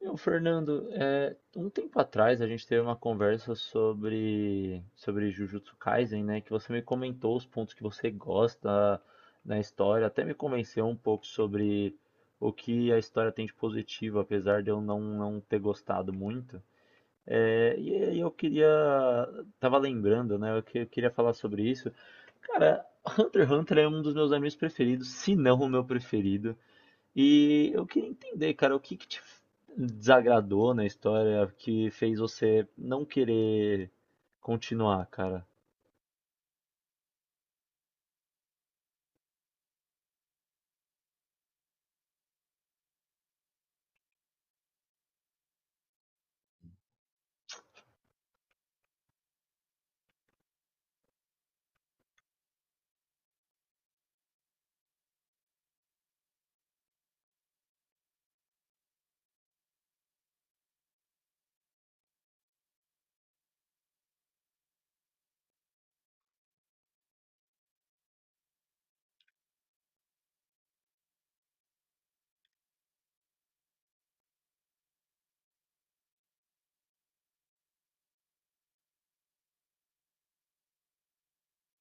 Meu, Fernando, um tempo atrás a gente teve uma conversa sobre Jujutsu Kaisen, né? Que você me comentou os pontos que você gosta na história, até me convenceu um pouco sobre o que a história tem de positivo, apesar de eu não ter gostado muito. É, e aí eu queria. Tava lembrando, né? Eu queria falar sobre isso. Cara, Hunter x Hunter é um dos meus animes preferidos, se não o meu preferido. E eu queria entender, cara, o que que te desagradou na história que fez você não querer continuar, cara?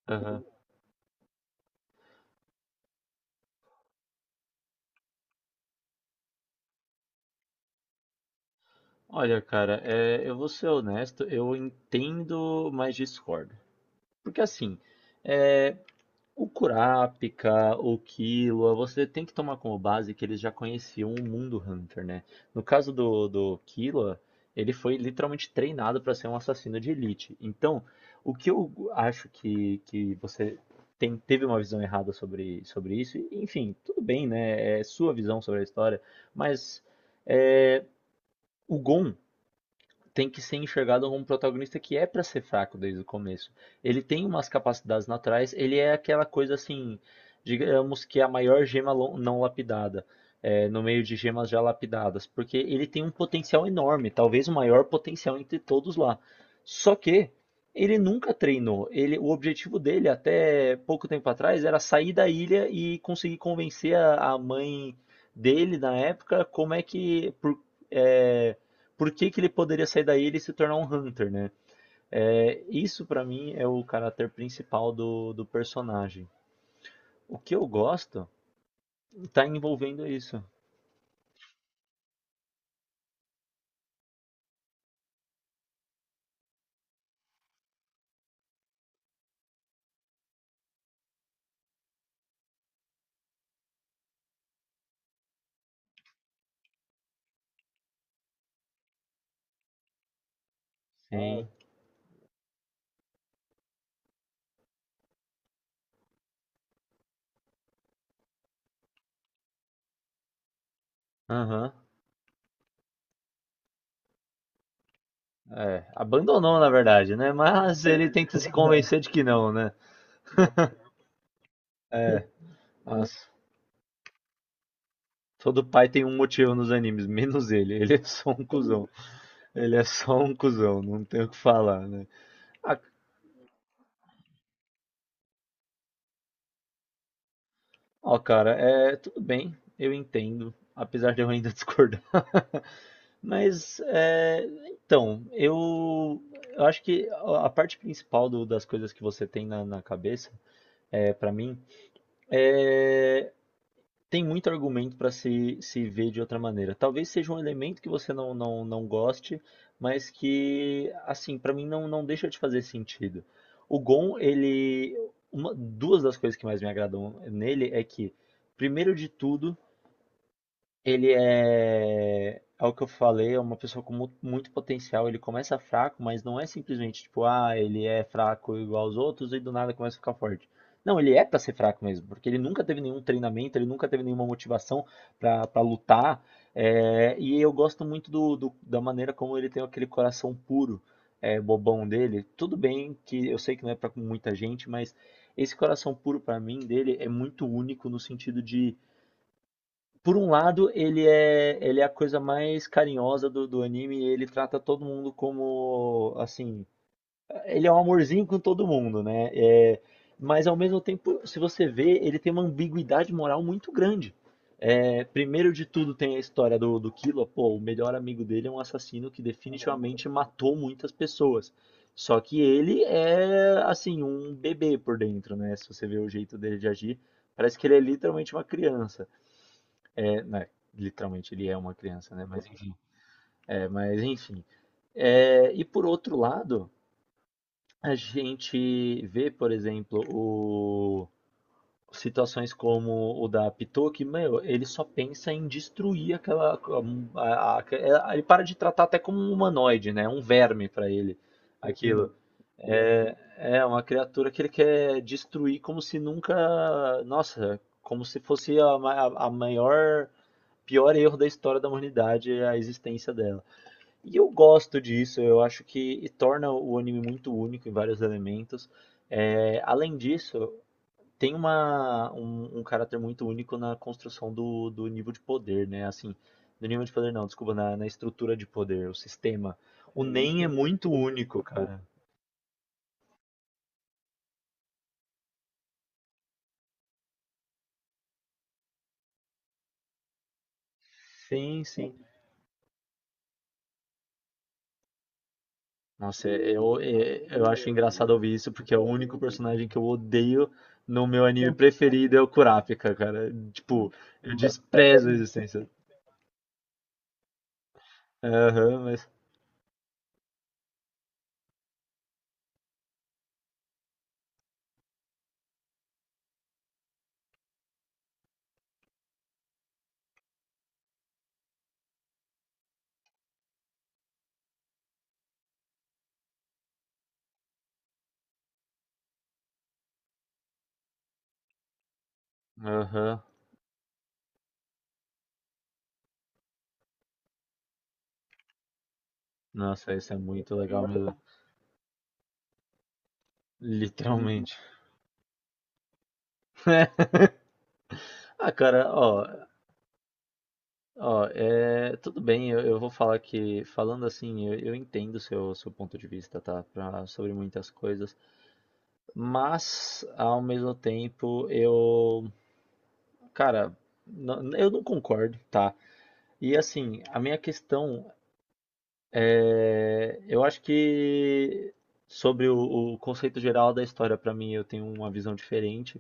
Aham. Olha, cara, eu vou ser honesto, eu entendo, mas discordo. Porque assim, é, o Kurapika, o Killua, você tem que tomar como base que eles já conheciam o mundo Hunter, né? No caso do Killua, ele foi literalmente treinado para ser um assassino de elite. Então, o que eu acho que você teve uma visão errada sobre isso, e, enfim, tudo bem, né? É sua visão sobre a história, mas é, o Gon tem que ser enxergado como um protagonista que é pra ser fraco desde o começo. Ele tem umas capacidades naturais, ele é aquela coisa assim, digamos que é a maior não lapidada, no meio de gemas já lapidadas, porque ele tem um potencial enorme, talvez o maior potencial entre todos lá. Só que ele nunca treinou. O objetivo dele até pouco tempo atrás era sair da ilha e conseguir convencer a mãe dele na época como é que por- é, por que que ele poderia sair daí e ele se tornar um Hunter, né? É, isso pra mim é o caráter principal do personagem. O que eu gosto tá envolvendo isso. Sim. Aham. É, abandonou na verdade, né? Mas ele tenta se convencer de que não, né? É, nossa. Todo pai tem um motivo nos animes, menos ele. Ele é só um cuzão. Ele é só um cuzão, não tem o que falar, né? Ah, ó, cara, tudo bem, eu entendo, apesar de eu ainda discordar. Mas, então, eu, eu acho que a parte principal das coisas que você tem na, na cabeça, para mim, é, tem muito argumento para se ver de outra maneira. Talvez seja um elemento que você não goste, mas que, assim, para mim não deixa de fazer sentido. O Gon, ele, uma, duas das coisas que mais me agradam nele é que, primeiro de tudo, é o que eu falei, é uma pessoa com muito potencial. Ele começa fraco, mas não é simplesmente tipo, ah, ele é fraco igual aos outros e do nada começa a ficar forte. Não, ele é pra ser fraco mesmo, porque ele nunca teve nenhum treinamento, ele nunca teve nenhuma motivação pra lutar. É, e eu gosto muito da maneira como ele tem aquele coração puro, bobão dele. Tudo bem que eu sei que não é pra muita gente, mas esse coração puro pra mim dele é muito único no sentido de, por um lado, ele é a coisa mais carinhosa do anime, ele trata todo mundo como, assim, ele é um amorzinho com todo mundo, né? É, mas ao mesmo tempo, se você vê, ele tem uma ambiguidade moral muito grande. É, primeiro de tudo tem a história do Killua, pô, o melhor amigo dele é um assassino que definitivamente matou muitas pessoas. Só que ele é, assim, um bebê por dentro, né? Se você vê o jeito dele de agir, parece que ele é literalmente uma criança. É, né, literalmente ele é uma criança, né? Mas enfim. É, mas enfim. É, e por outro lado, a gente vê, por exemplo, o situações como o da Pitou, que, meu, ele só pensa em destruir aquela. a- a- Ele para de tratar até como um humanoide, né? Um verme para ele. Aquilo. Uhum. É uma criatura que ele quer destruir como se nunca. Nossa, como se fosse a maior, pior erro da história da humanidade é a existência dela. E eu gosto disso, eu acho que torna o anime muito único em vários elementos. É, além disso, tem um caráter muito único na construção do nível de poder, né? Assim, do nível de poder não, desculpa, na, na estrutura de poder, o sistema. O Nen é muito único, cara. Sim, sim. Nossa, eu acho engraçado ouvir isso, porque é o único personagem que eu odeio no meu anime preferido é o Kurapika, cara. Tipo, eu desprezo a existência. Aham, mas. Aham. Nossa, isso é muito legal mesmo. Literalmente. Ah, cara, ó. Ó, tudo bem, eu vou falar que, falando assim, eu entendo o seu ponto de vista, tá? Pra, sobre muitas coisas, mas, ao mesmo tempo, eu, cara, eu não concordo, tá? E assim, a minha questão eu acho que sobre o conceito geral da história, pra mim, eu tenho uma visão diferente,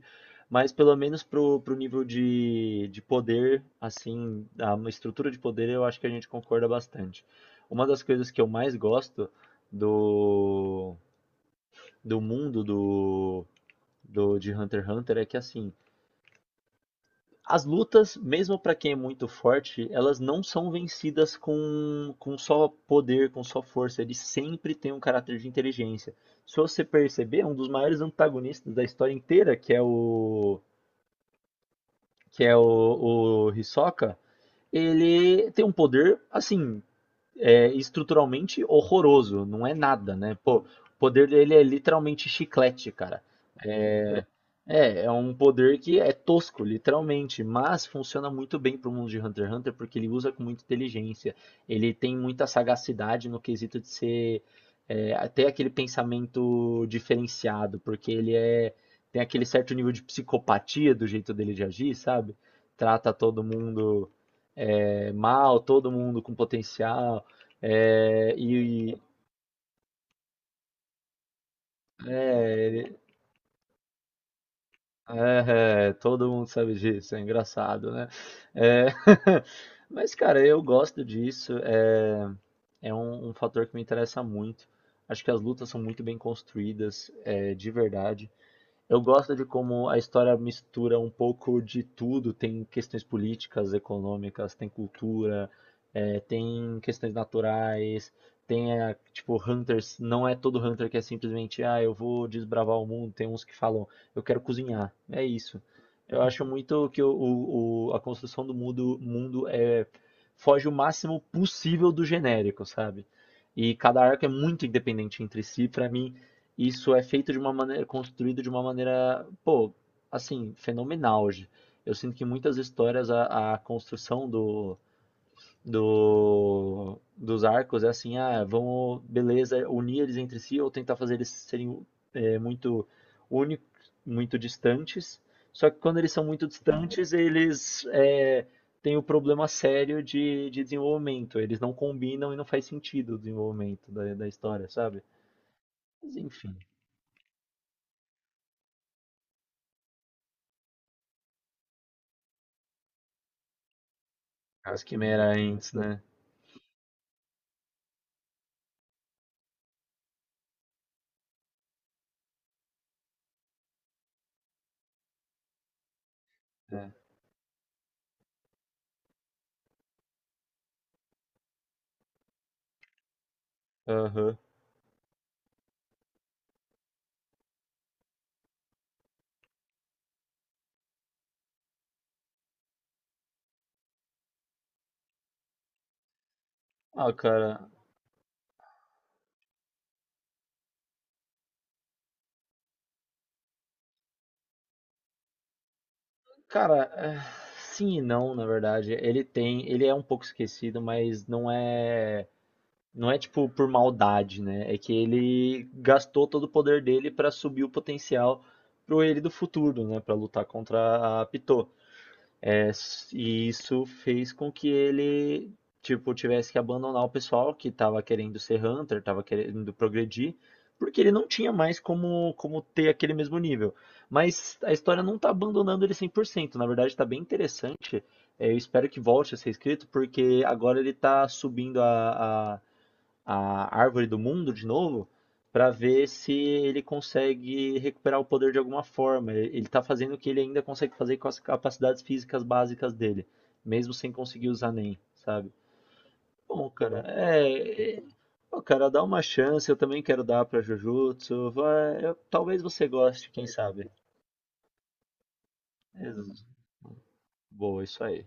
mas pelo menos pro nível de poder, assim, a estrutura de poder, eu acho que a gente concorda bastante. Uma das coisas que eu mais gosto do, do mundo de Hunter x Hunter é que assim, as lutas, mesmo para quem é muito forte, elas não são vencidas com só poder, com só força. Ele sempre tem um caráter de inteligência. Se você perceber, um dos maiores antagonistas da história inteira, o Hisoka, ele tem um poder assim, estruturalmente horroroso. Não é nada, né? Pô, o poder dele é literalmente chiclete, cara. É, é um poder que é tosco, literalmente, mas funciona muito bem pro mundo de Hunter x Hunter porque ele usa com muita inteligência. Ele tem muita sagacidade no quesito de ser até aquele pensamento diferenciado, porque ele é tem aquele certo nível de psicopatia do jeito dele de agir, sabe? Trata todo mundo mal, todo mundo com potencial. é, e, e- é, É, é, todo mundo sabe disso, é engraçado, né? É, mas, cara, eu gosto disso, é um fator que me interessa muito. Acho que as lutas são muito bem construídas, é, de verdade. Eu gosto de como a história mistura um pouco de tudo. Tem questões políticas, econômicas, tem cultura, tem questões naturais, tipo hunters. Não é todo hunter que é simplesmente ah, eu vou desbravar o mundo. Tem uns que falam eu quero cozinhar. É isso. Eu acho muito que a construção do mundo é foge o máximo possível do genérico, sabe? E cada arco é muito independente entre si. Para mim isso é feito de uma maneira, construído de uma maneira, pô, assim, fenomenal hoje. Eu sinto que muitas histórias a construção dos arcos é assim, ah, vamos, beleza, unir eles entre si ou tentar fazer eles serem muito únicos, muito distantes. Só que quando eles são muito distantes, têm o problema sério de desenvolvimento. Eles não combinam e não faz sentido o desenvolvimento da história, sabe? Mas enfim. As quimerantes, né? É. Aham. Ah, cara. Cara, sim e não, na verdade. Ele é um pouco esquecido, mas não é tipo por maldade, né? É que ele gastou todo o poder dele pra subir o potencial pro ele do futuro, né, pra lutar contra a Pitou. E isso fez com que ele, tipo, tivesse que abandonar o pessoal que estava querendo ser Hunter, estava querendo progredir, porque ele não tinha mais como, como ter aquele mesmo nível. Mas a história não está abandonando ele 100%, na verdade está bem interessante. É, eu espero que volte a ser escrito, porque agora ele está subindo a Árvore do Mundo de novo para ver se ele consegue recuperar o poder de alguma forma. Ele está fazendo o que ele ainda consegue fazer com as capacidades físicas básicas dele, mesmo sem conseguir usar nem, sabe? Bom, cara, pô, cara, dá uma chance, eu também quero dar pra Jujutsu. Vai, talvez você goste, quem sabe. Ex- Boa, isso aí.